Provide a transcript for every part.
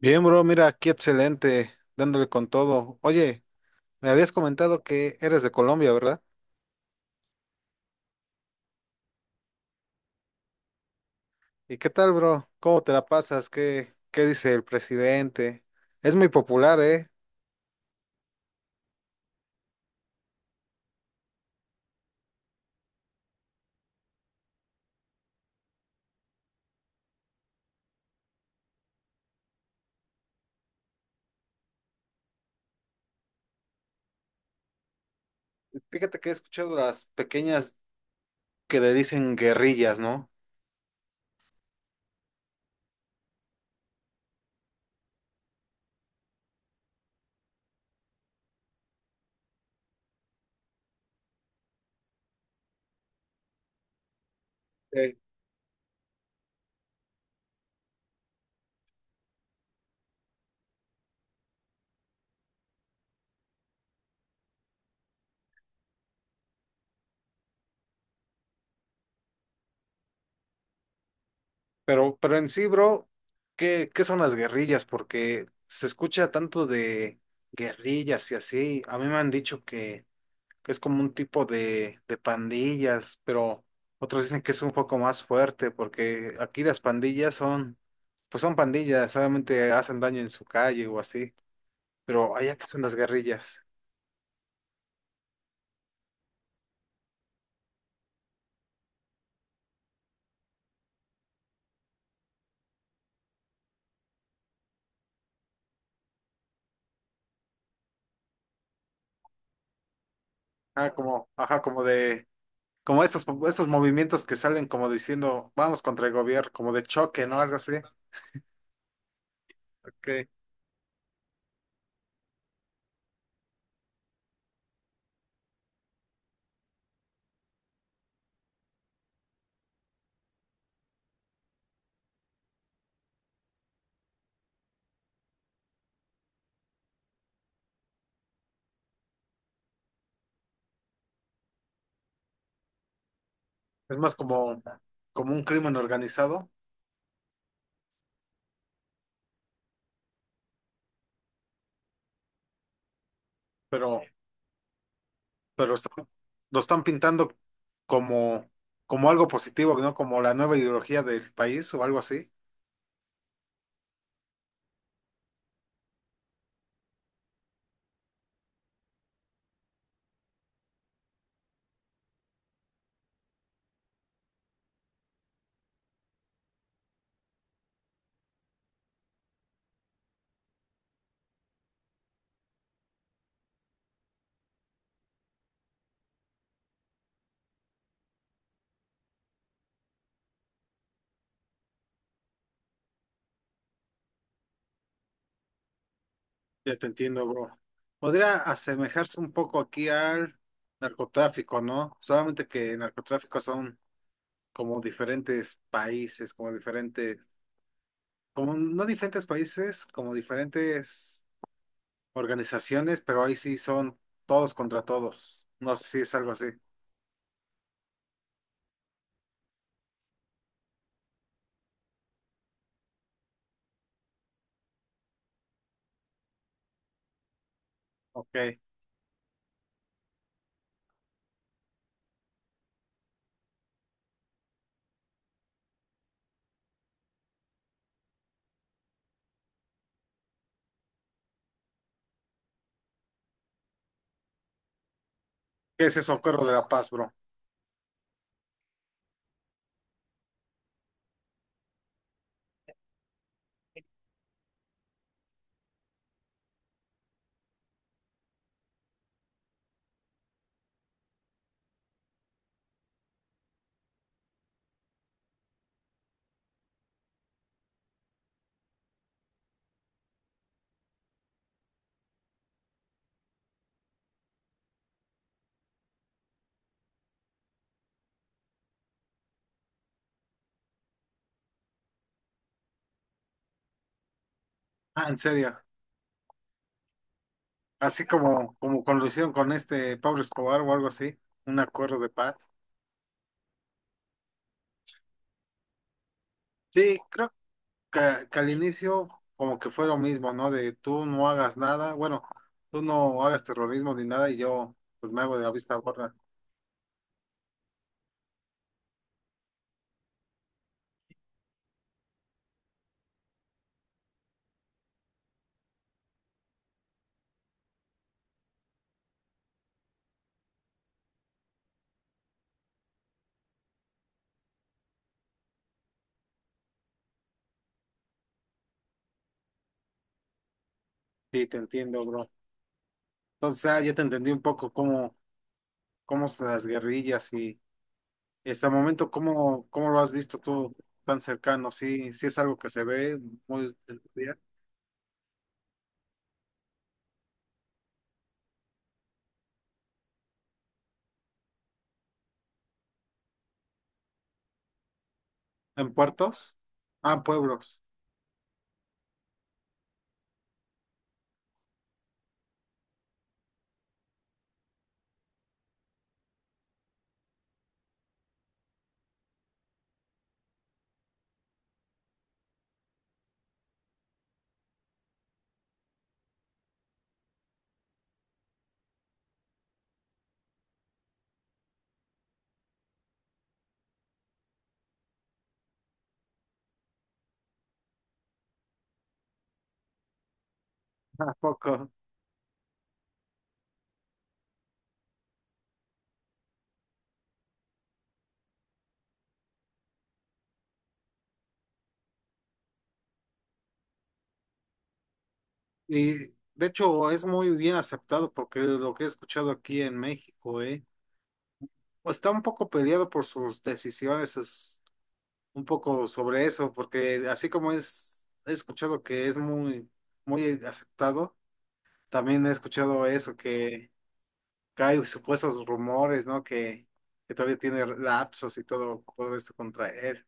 Bien, bro, mira, aquí excelente, dándole con todo. Oye, me habías comentado que eres de Colombia, ¿verdad? ¿Y qué tal, bro? ¿Cómo te la pasas? ¿Qué dice el presidente? Es muy popular, ¿eh? Fíjate que he escuchado las pequeñas que le dicen guerrillas, ¿no? Eh, pero en sí, bro, ¿qué son las guerrillas? Porque se escucha tanto de guerrillas y así. A mí me han dicho que es como un tipo de pandillas, pero otros dicen que es un poco más fuerte porque aquí las pandillas son, pues son pandillas, solamente hacen daño en su calle o así, pero allá que son las guerrillas. Ah, como, ajá, como de, como estos, estos movimientos que salen como diciendo, vamos contra el gobierno, como de choque, ¿no? Algo así, que es más como, como un crimen organizado, pero pero lo están, lo están pintando como, como algo positivo, ¿no? Como la nueva ideología del país o algo así. Ya te entiendo, bro. Podría asemejarse un poco aquí al narcotráfico, ¿no? Solamente que el narcotráfico son como diferentes países, como diferentes, como no diferentes países, como diferentes organizaciones, pero ahí sí son todos contra todos. No sé si es algo así. Ok. ¿Qué es eso, Corro de la Paz, bro? Ah, ¿en serio? Así como, como con lo hicieron con este Pablo Escobar o algo así, un acuerdo de paz. Sí, creo que, que al inicio como que fue lo mismo, ¿no? De tú no hagas nada, bueno, tú no hagas terrorismo ni nada y yo pues me hago de la vista gorda. Sí, te entiendo, bro. Entonces ah, ya te entendí un poco cómo, cómo son las guerrillas y hasta el momento cómo, cómo lo has visto tú tan cercano. Sí, sí es algo que se ve muy en puertos. Ah, en pueblos. ¿A poco? Y de hecho es muy bien aceptado porque lo que he escuchado aquí en México, pues, está un poco peleado por sus decisiones, sus- un poco sobre eso, porque así como es, he escuchado que es muy, muy aceptado, también he escuchado eso, que hay supuestos rumores, ¿no? Que todavía tiene lapsos y todo, todo esto contra él.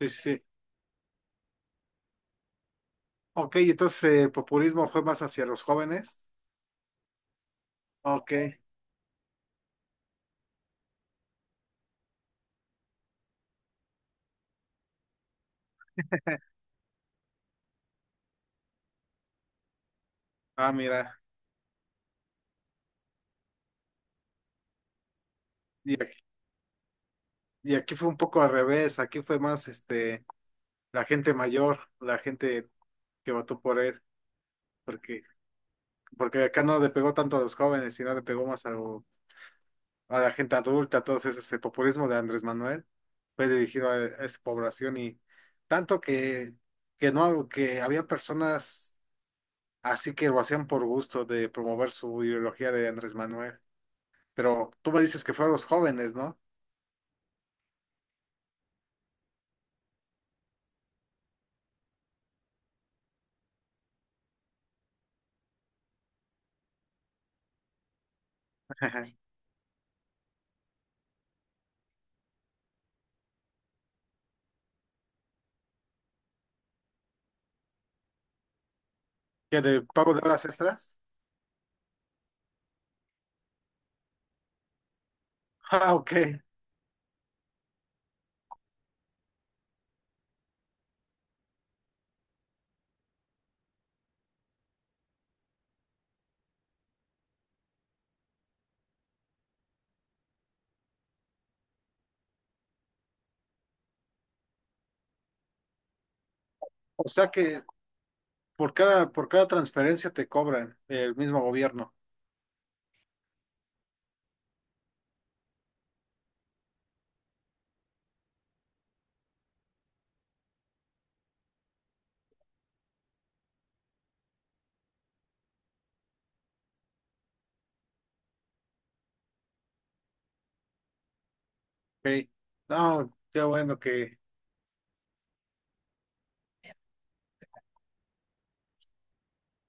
Sí, sí, sí. Ok, entonces el populismo fue más hacia los jóvenes. Ok. Ah, mira. Y Y aquí fue un poco al revés, aquí fue más este la gente mayor, la gente que votó por él, porque, porque acá no le pegó tanto a los jóvenes, sino le pegó más a, lo- a la gente adulta, todo ese, ese populismo de Andrés Manuel, fue dirigido a esa población y tanto que no, que había personas así que lo hacían por gusto de promover su ideología de Andrés Manuel. Pero tú me dices que fue a los jóvenes, ¿no? ¿Que de pago de horas extras? Ah, ok. O sea que por cada, por cada transferencia te cobran el mismo gobierno. Ok. No, qué bueno que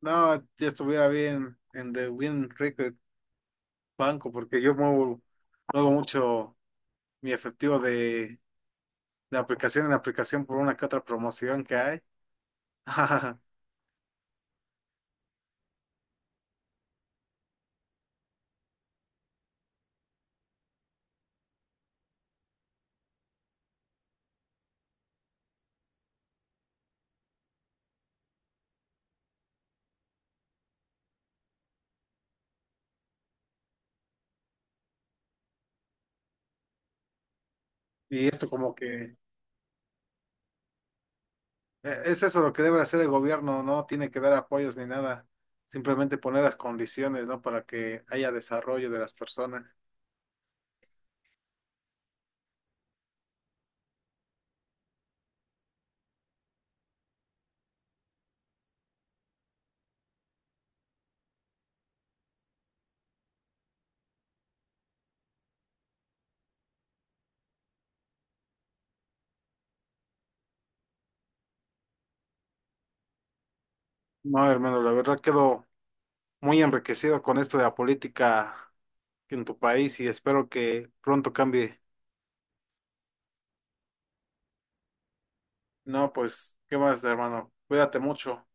no, ya estuviera bien en de Bien Rico el Banco, porque yo muevo, muevo mucho mi efectivo de aplicación en aplicación por una que otra promoción que hay. Y esto como que es eso lo que debe hacer el gobierno, no tiene que dar apoyos ni nada, simplemente poner las condiciones, ¿no? Para que haya desarrollo de las personas. No, hermano, la verdad quedo muy enriquecido con esto de la política en tu país y espero que pronto cambie. No, pues, ¿qué más, hermano? Cuídate mucho.